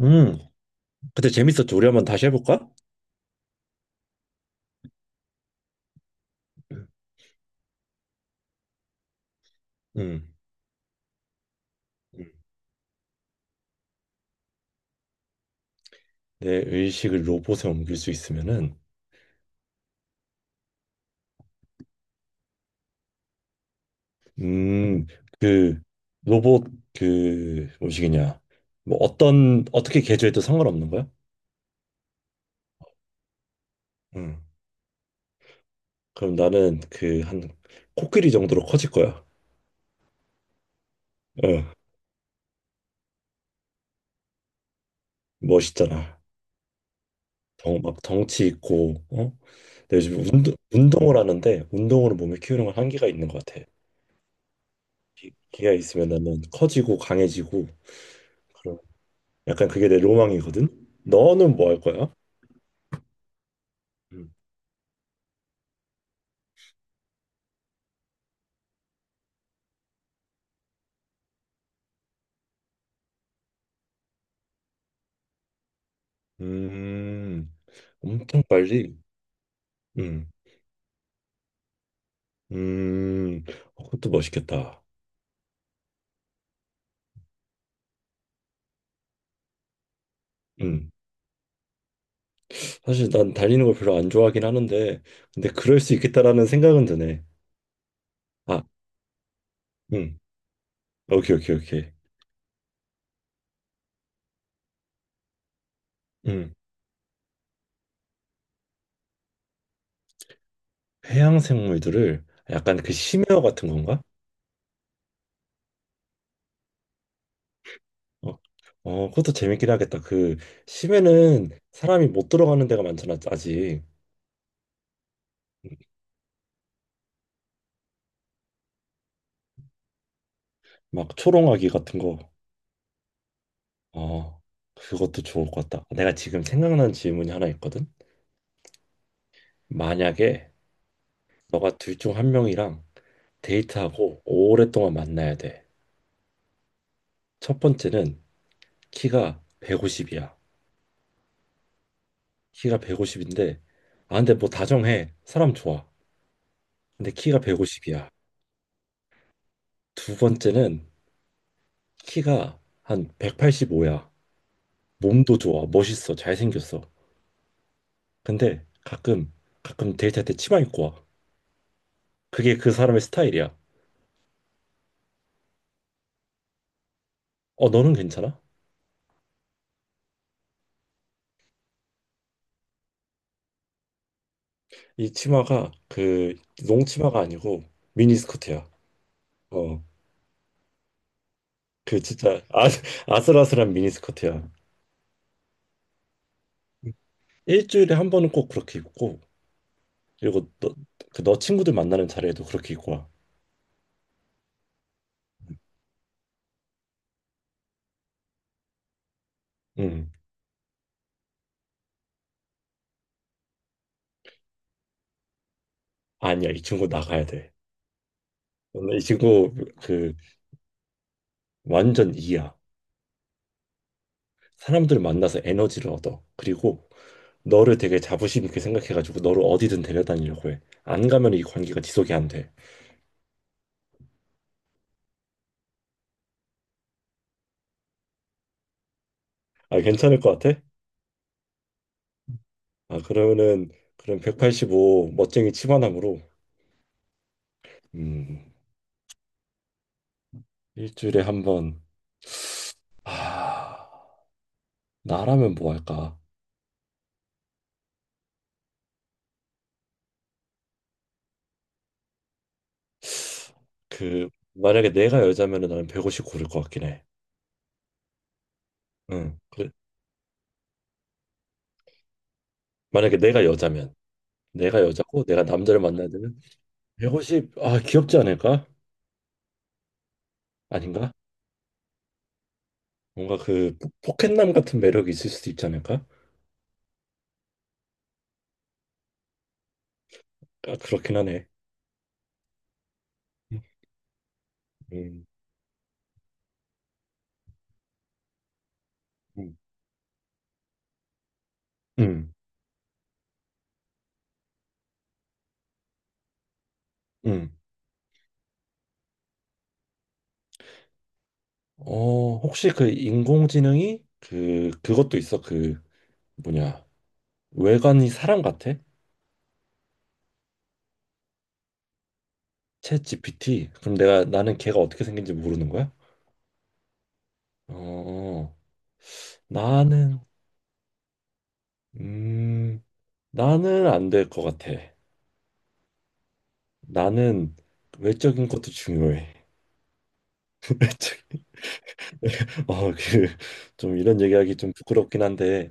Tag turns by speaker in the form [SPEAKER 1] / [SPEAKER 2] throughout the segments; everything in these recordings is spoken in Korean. [SPEAKER 1] 음, 그때 재밌었죠. 우리 한번 다시 해볼까? 음, 음. 내 의식을 로봇에 옮길 수 있으면은, 음, 그 로봇 그 뭐시기냐, 뭐 어떤 어떻게 개조해도 상관없는 거야? 음, 그럼 나는 그 한 코끼리 정도로 커질 거야. 어, 멋있잖아. 막 덩치 있고, 어? 내가 요즘 운동을 하는데 운동으로 몸을 키우는 건 한계가 있는 것 같아. 기가 있으면 나는 커지고 강해지고. 약간 그게 내 로망이거든. 너는 뭐 할 거야? 음. 음, 엄청 빨리. 음, 음, 어, 그것도 멋있겠다. 음, 사실 난 달리는 걸 별로 안 좋아하긴 하는데, 근데 그럴 수 있겠다라는 생각은 드네. 아, 음, 오케이, 오케이, 오케이. 음, 해양 생물들을 약간 그 심해어 같은 건가? 어, 어, 그것도 재밌긴 하겠다. 그 심해는 사람이 못 들어가는 데가 많잖아, 아직. 막 초롱아기 같은 거. 어, 그것도 좋을 것 같다. 내가 지금 생각난 질문이 하나 있거든. 만약에 너가 둘 중 한 명이랑 데이트하고 오랫동안 만나야 돼. 첫 번째는 키가 150이야. 키가 150인데, 아, 근데 뭐 다정해. 사람 좋아. 근데 키가 150이야. 두 번째는 키가 한 185야. 몸도 좋아. 멋있어. 잘생겼어. 근데 가끔 데이트할 때 치마 입고 와. 그게 그 사람의 스타일이야. 어, 너는 괜찮아? 이 치마가 그 농치마가 아니고 미니스커트야. 어, 그 진짜 아슬아슬한 미니스커트야. 일주일에 한 번은 꼭 그렇게 입고 그리고 너 친구들 만나는 자리에도 그렇게 입고 와. 응. 아니야, 이 친구 나가야 돼. 오늘 이 친구 그 완전 이야. 사람들 만나서 에너지를 얻어. 그리고 너를 되게 자부심 있게 생각해가지고 너를 어디든 데려다니려고 해. 안 가면 이 관계가 지속이 안 돼. 아, 괜찮을 것 같아? 아, 그러면은 그럼 185 멋쟁이 치마남으로. 음, 일주일에 한 번. 아, 나라면 뭐 할까? 그 만약에 내가 여자면은 나는 150 고를 것 같긴 해. 응. 그래. 만약에 내가 여자면 내가 여자고 내가 남자를 만나야 되면 150. 아, 귀엽지 않을까? 아닌가? 뭔가 그 포켓남 같은 매력이 있을 수도 있지 않을까? 아, 그렇긴 하네. 음. 음. 음. 음. 음. 어, 혹시 그 인공지능이 그것도 있어. 그 뭐냐 외관이 사람 같아? 챗 GPT 그럼 내가 나는 걔가 어떻게 생긴지 모르는 거야? 어 나는 음 나는 안 될 것 같아. 나는 외적인 것도 중요해. 외적 어그좀 이런 얘기하기 좀 부끄럽긴 한데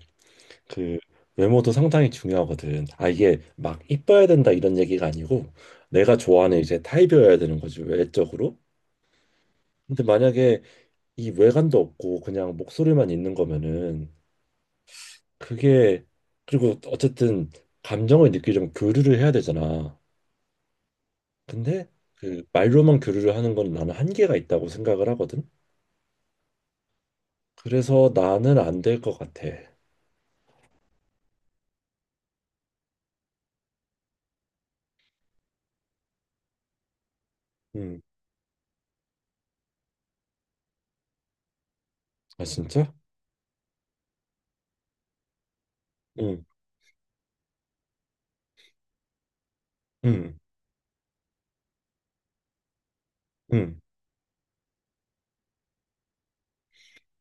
[SPEAKER 1] 그 외모도 상당히 중요하거든. 아, 이게 막 이뻐야 된다 이런 얘기가 아니고 내가 좋아하는 이제 타입이어야 되는 거지 외적으로. 근데 만약에 이 외관도 없고 그냥 목소리만 있는 거면은 그게, 그리고 어쨌든 감정을 느끼려면 교류를 해야 되잖아. 근데 그 말로만 교류를 하는 건 나는 한계가 있다고 생각을 하거든. 그래서 나는 안 될 것 같아. 음. 아 진짜? 응. 응. 응.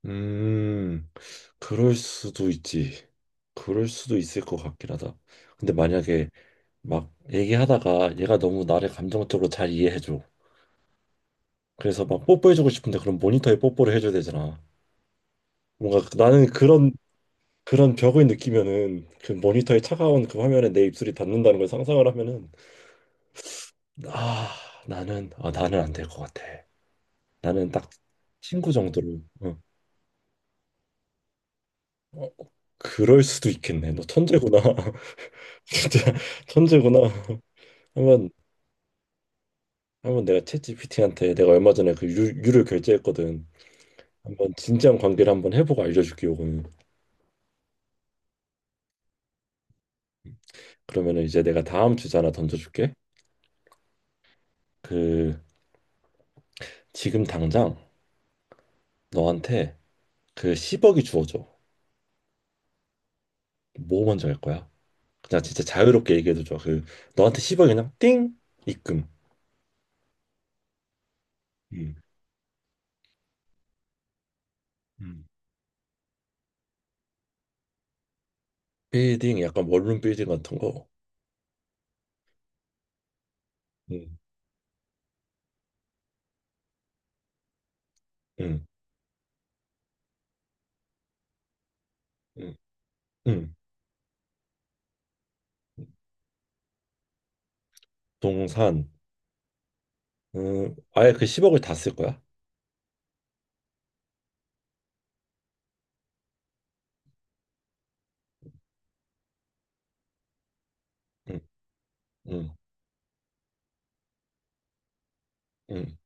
[SPEAKER 1] 음. 그럴 수도 있지. 그럴 수도 있을 것 같긴 하다. 근데 만약에 막 얘기하다가 얘가 너무 나를 감정적으로 잘 이해해줘. 그래서 막 뽀뽀해주고 싶은데 그럼 모니터에 뽀뽀를 해줘야 되잖아. 뭔가 나는 그런 벽을 느끼면은 그 모니터의 차가운 그 화면에 내 입술이 닿는다는 걸 상상을 하면은 아 나는 안 될 것 같아. 나는 딱 친구 정도로. 어. 어, 그럴 수도 있겠네. 너 천재구나. 진짜 천재구나. 한번 한번 내가 챗GPT한테 내가 얼마 전에 그 유를 결제했거든. 한번 진지한 관계를 한번 해보고 알려줄게 요거는. 그러면은 이제 내가 다음 주제 하나 던져줄게. 그 지금 당장 너한테 그 10억이 주어져. 뭐 먼저 할 거야? 그냥 진짜 자유롭게 얘기해도 좋아. 그 너한테 10억 그냥 띵 입금. 음, 음, 빌딩 약간 원룸 빌딩 같은 거. 음. 응. 응. 응. 동산. 아예 그 10억을 다 쓸 거야? 응. 응. 응.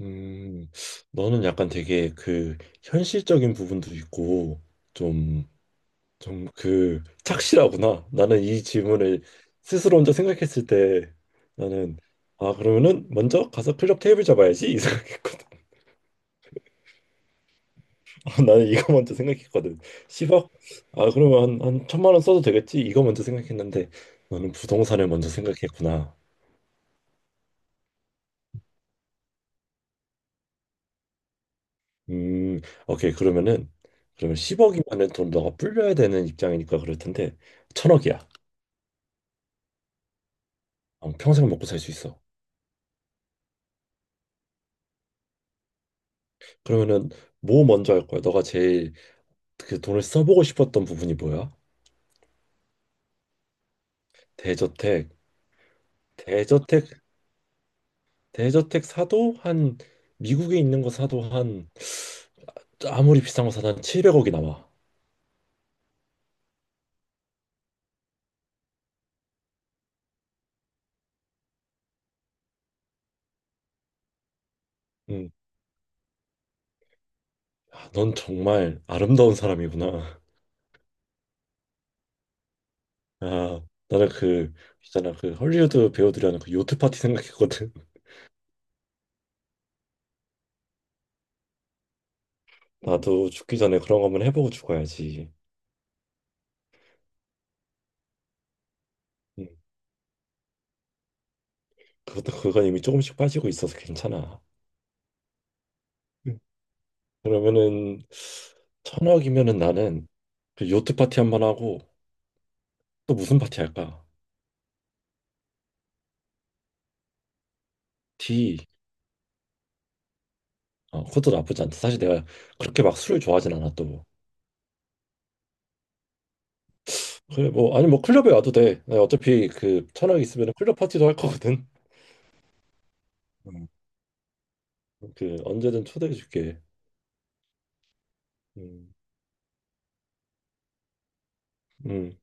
[SPEAKER 1] 음. 너는 약간 되게 그 현실적인 부분도 있고 좀 좀 그 착실하구나. 나는 이 질문을 스스로 혼자 생각했을 때 나는 아, 그러면은 먼저 가서 클럽 테이블 잡아야지 이 생각했거든. 나는 이거 먼저 생각했거든. 10억? 아, 그러면 한 천만 원 써도 되겠지? 이거 먼저 생각했는데 너는 부동산을 먼저 생각했구나. 음 오케이. 그러면 10억이면은 돈 너가 불려야 되는 입장이니까 그럴 텐데 천억이야. 어, 평생 먹고 살 수 있어. 그러면은 뭐 먼저 할 거야? 너가 제일 그 돈을 써보고 싶었던 부분이 뭐야? 대저택, 대저택, 대저택 사도 한 미국에 있는 거 사도 한 아무리 비싼 거 사도 한 700억이 나와. 음, 아, 넌 정말 아름다운 사람이구나. 아, 나는 그 있잖아 그 헐리우드 배우들이 하는 그 요트 파티 생각했거든. 나도 죽기 전에 그런 거 한번 해보고 죽어야지. 음, 그것도 그건 이미 조금씩 빠지고 있어서 괜찮아. 음, 그러면은 천억이면은 나는 그 요트 파티 한번 하고 또 무슨 파티 할까? 디 어, 그것도 나쁘지 않다. 사실 내가 그렇게 막 술을 좋아하진 않아 또. 그래, 뭐, 아니, 뭐 클럽에 와도 돼. 내가 어차피 그 천억 있으면 클럽 파티도 할 거거든. 음. 그 언제든 초대해 줄게. 음, 음.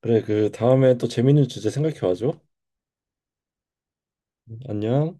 [SPEAKER 1] 그래, 그 다음에 또 재밌는 주제 생각해 와줘. 안녕.